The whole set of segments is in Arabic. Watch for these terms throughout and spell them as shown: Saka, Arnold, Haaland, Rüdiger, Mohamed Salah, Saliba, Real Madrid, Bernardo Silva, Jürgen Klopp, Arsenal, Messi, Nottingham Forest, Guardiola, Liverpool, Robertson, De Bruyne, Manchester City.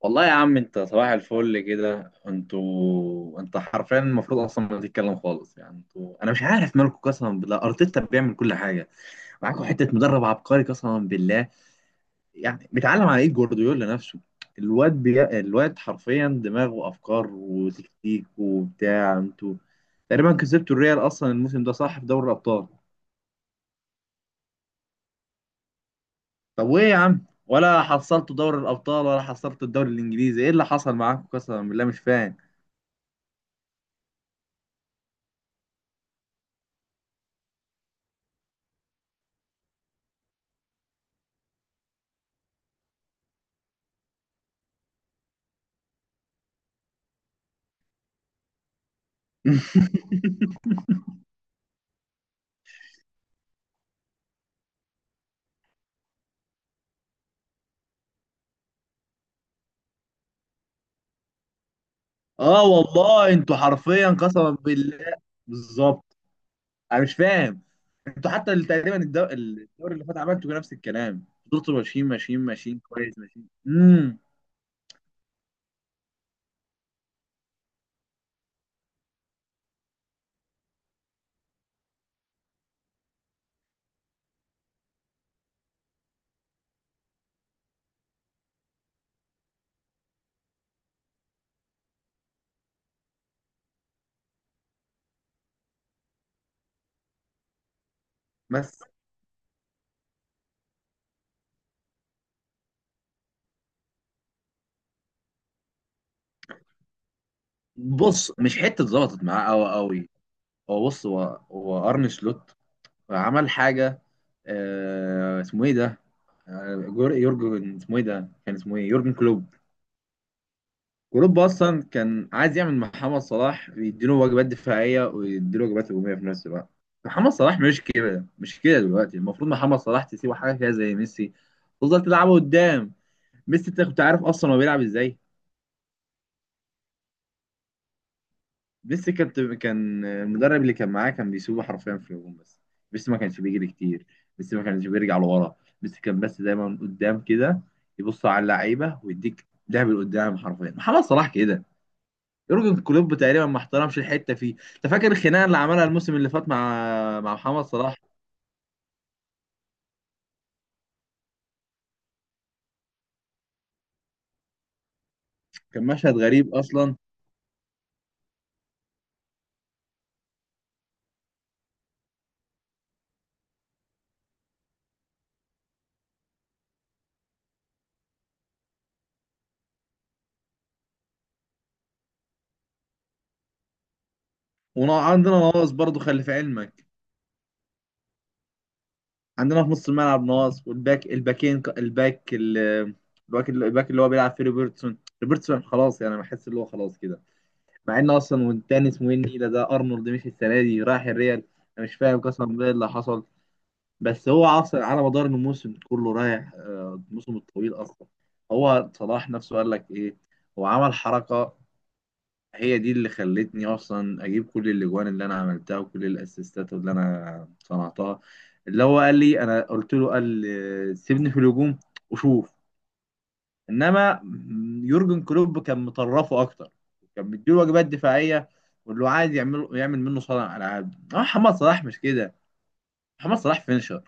والله يا عم، انت صباح الفل كده. انتوا حرفيا المفروض اصلا ما تتكلم خالص يعني انتوا. انا مش عارف مالكم قسما بالله، ارتيتا بيعمل كل حاجه معاكم. حته مدرب عبقري قسما بالله، يعني بيتعلم على ايد جوارديولا نفسه. الواد الواد حرفيا دماغه افكار وتكتيك وبتاع. انتوا تقريبا كسبتوا الريال اصلا الموسم ده، صح، في دوري الابطال. طب وايه يا عم؟ ولا حصلتوا دوري الابطال ولا حصلتوا الدوري الانجليزي، ايه اللي حصل معاكم؟ قسما بالله مش فاهم. اه والله انتوا حرفيا قسما بالله. بالظبط، انا مش فاهم. انتوا حتى تقريبا الدوري اللي فات عملتوا نفس الكلام، فضلتوا ماشيين ماشيين ماشيين كويس ماشيين. بس بص، مش حته ظبطت معاه قوي قوي. هو بص هو هو ارن سلوت عمل حاجه؟ آه، اسمه ايه ده؟ يورجن، اسمه ايه ده، كان اسمه ايه؟ يورجن كلوب. كلوب اصلا كان عايز يعمل مع محمد صلاح، يديله وجبات دفاعيه ويديله وجبات هجوميه في نفس الوقت. محمد صلاح مش كده، مش كده. دلوقتي المفروض محمد صلاح تسيبه حاجه كده زي ميسي، تفضل تلعبه قدام. ميسي، انت كنت عارف اصلا هو بيلعب ازاي؟ ميسي كان المدرب اللي كان معاه كان بيسيبه حرفيا في الهجوم بس. ميسي ما كانش بيجري كتير، ميسي ما كانش بيرجع لورا. ميسي كان بس دايما قدام كده، يبص على اللعيبه ويديك لعب لقدام. حرفيا محمد صلاح كده. يورجن كلوب تقريبا ما احترمش الحته فيه. انت فاكر الخناقه اللي عملها الموسم اللي فات مع محمد صلاح؟ كان مشهد غريب اصلا. وعندنا نواقص برضه، خلي في علمك. عندنا في نص الملعب نواقص، والباك الباكين الباك اللي هو بيلعب فيه روبرتسون. روبرتسون خلاص يعني، أنا بحس اللي هو خلاص كده. مع ان اصلا، والتاني اسمه ايه، النيله ده، ارنولد، مشي السنه دي رايح الريال. انا مش فاهم قسما بالله اللي حصل. بس هو اصلا على مدار الموسم كله رايح الموسم الطويل اصلا. هو صلاح نفسه قال لك ايه؟ هو عمل حركه، هي دي اللي خلتني اصلا اجيب كل الاجوان اللي انا عملتها وكل الاسيستات اللي انا صنعتها، اللي هو قال لي، انا قلت له، قال سيبني في الهجوم وشوف. انما يورجن كلوب كان مطرفه اكتر، كان مديله واجبات دفاعيه، واللي هو عايز يعمل يعمل منه صانع العاب. اه، محمد صلاح مش كده. محمد صلاح فينشر،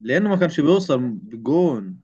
لانه ما كانش بيوصل بالجون.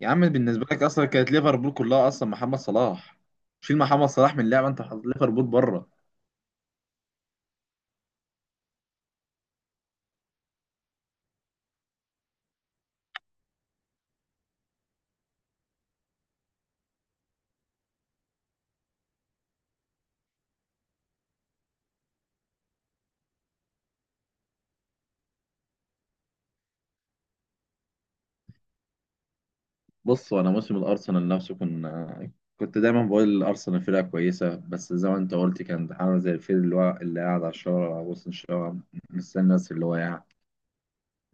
يا عم بالنسبه لك اصلا كانت ليفربول كلها اصلا محمد صلاح. شيل محمد صلاح من اللعبه انت حاطط ليفربول بره. بص، وانا موسم الارسنال نفسه كنت دايما بقول الارسنال فرقه كويسه، بس زي ما انت قلت كان عامل زي الفيل اللي هو اللي قاعد على الشارع، على وسط الشارع مستني الناس. اللي هو يعني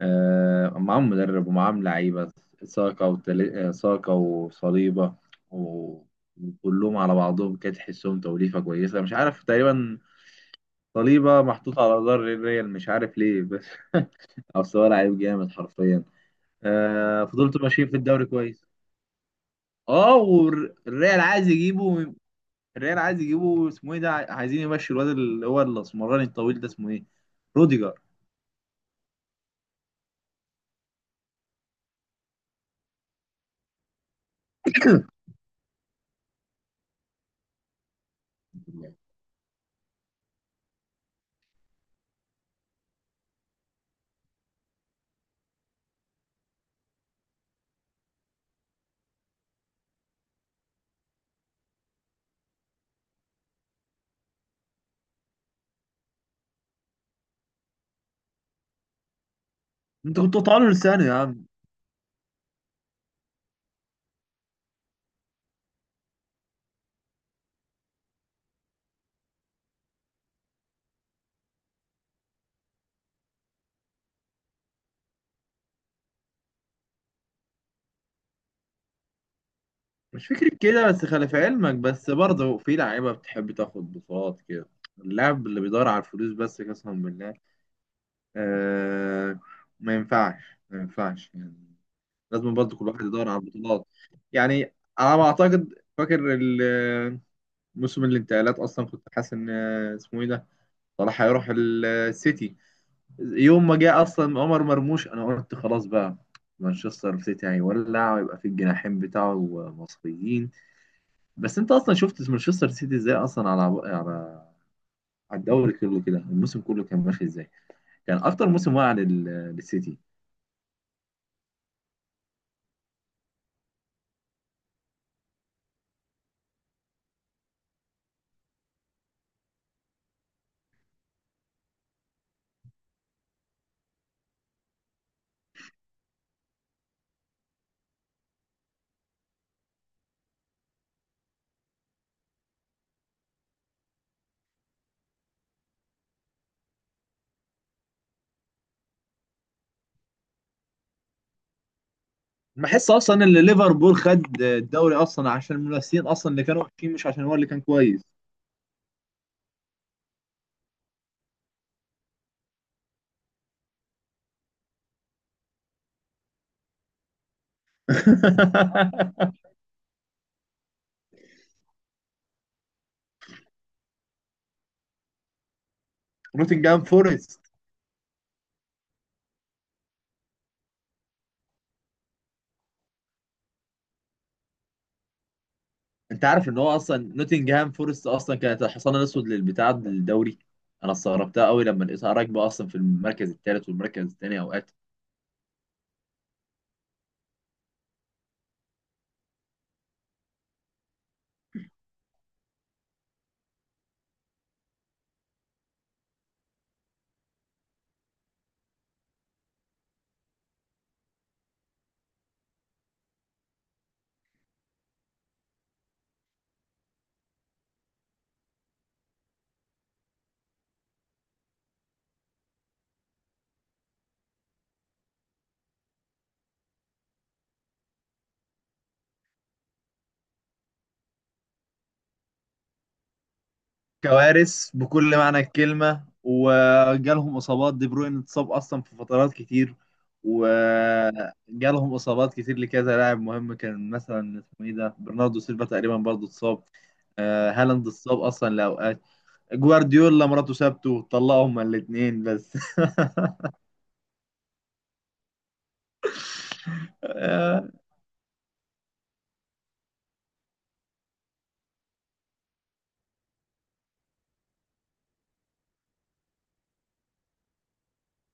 آه، معاهم مدرب ومعاهم لعيبه، ساكا ساكا وصليبه و... وكلهم على بعضهم كانت تحسهم توليفه كويسه. مش عارف، تقريبا صليبه محطوط على جدار الريال، مش عارف ليه بس. اصل هو لعيب جامد حرفيا. آه، فضلت ماشيين في الدوري كويس. اه والريال عايز يجيبه. الريال عايز يجيبه، اسمه ايه ده، عايزين يمشي الواد اللي هو الاسمراني الطويل ده، اسمه ايه، روديجر. انت كنت طالع لسانه يا عم. مش فكرة كده، بس خلي في علمك بس برضه، في لعيبة بتحب تاخد بطولات كده. اللاعب اللي بيدور على الفلوس بس قسما بالله، آه، ما ينفعش، ما ينفعش يعني. لازم برضه كل واحد يدور على البطولات، يعني على ما اعتقد. فاكر موسم الانتقالات اصلا كنت حاسس ان، اسمه ايه ده، صلاح هيروح السيتي. يوم ما جه اصلا عمر مرموش انا قلت خلاص بقى مانشستر سيتي هيولع، ويبقى في الجناحين بتاعه مصريين. بس انت اصلا شفت مانشستر سيتي ازاي اصلا على على على الدوري كله كده، الموسم كله كان ماشي ازاي. كان اكتر موسم واقع للسيتي. بحس اصلا ان ليفربول خد الدوري اصلا عشان المنافسين اصلا اللي كانوا وحشين، مش عشان هو اللي كان كويس. نوتنجهام فورست، انت عارف ان هو اصلا نوتنجهام فورست اصلا كانت الحصان الاسود للبتاع الدوري. انا استغربتها قوي لما لقيتها راكبه اصلا في المركز الثالث والمركز الثاني اوقات. كوارث بكل معنى الكلمة، وجالهم إصابات. دي بروين اتصاب أصلا في فترات كتير، وجالهم إصابات كتير لكذا لاعب مهم. كان مثلا اسمه إيه ده، برناردو سيلفا، تقريبا برضه اتصاب. هالاند اتصاب أصلا لأوقات. جوارديولا مراته سابته، طلقوا هما الاتنين بس. آه،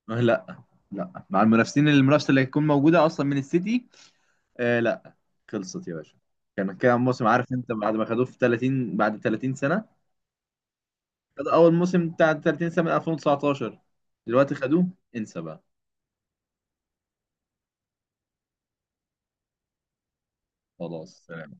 لا، لا، مع المنافسين، المنافسة اللي هتكون موجودة أصلا من السيتي. لا، خلصت يا باشا. كان كده موسم، عارف أنت، بعد ما خدوه في 30، بعد 30 سنة. خدوا اول موسم بتاع 30 سنه من 2019، دلوقتي خدوه. انسى بقى، خلاص.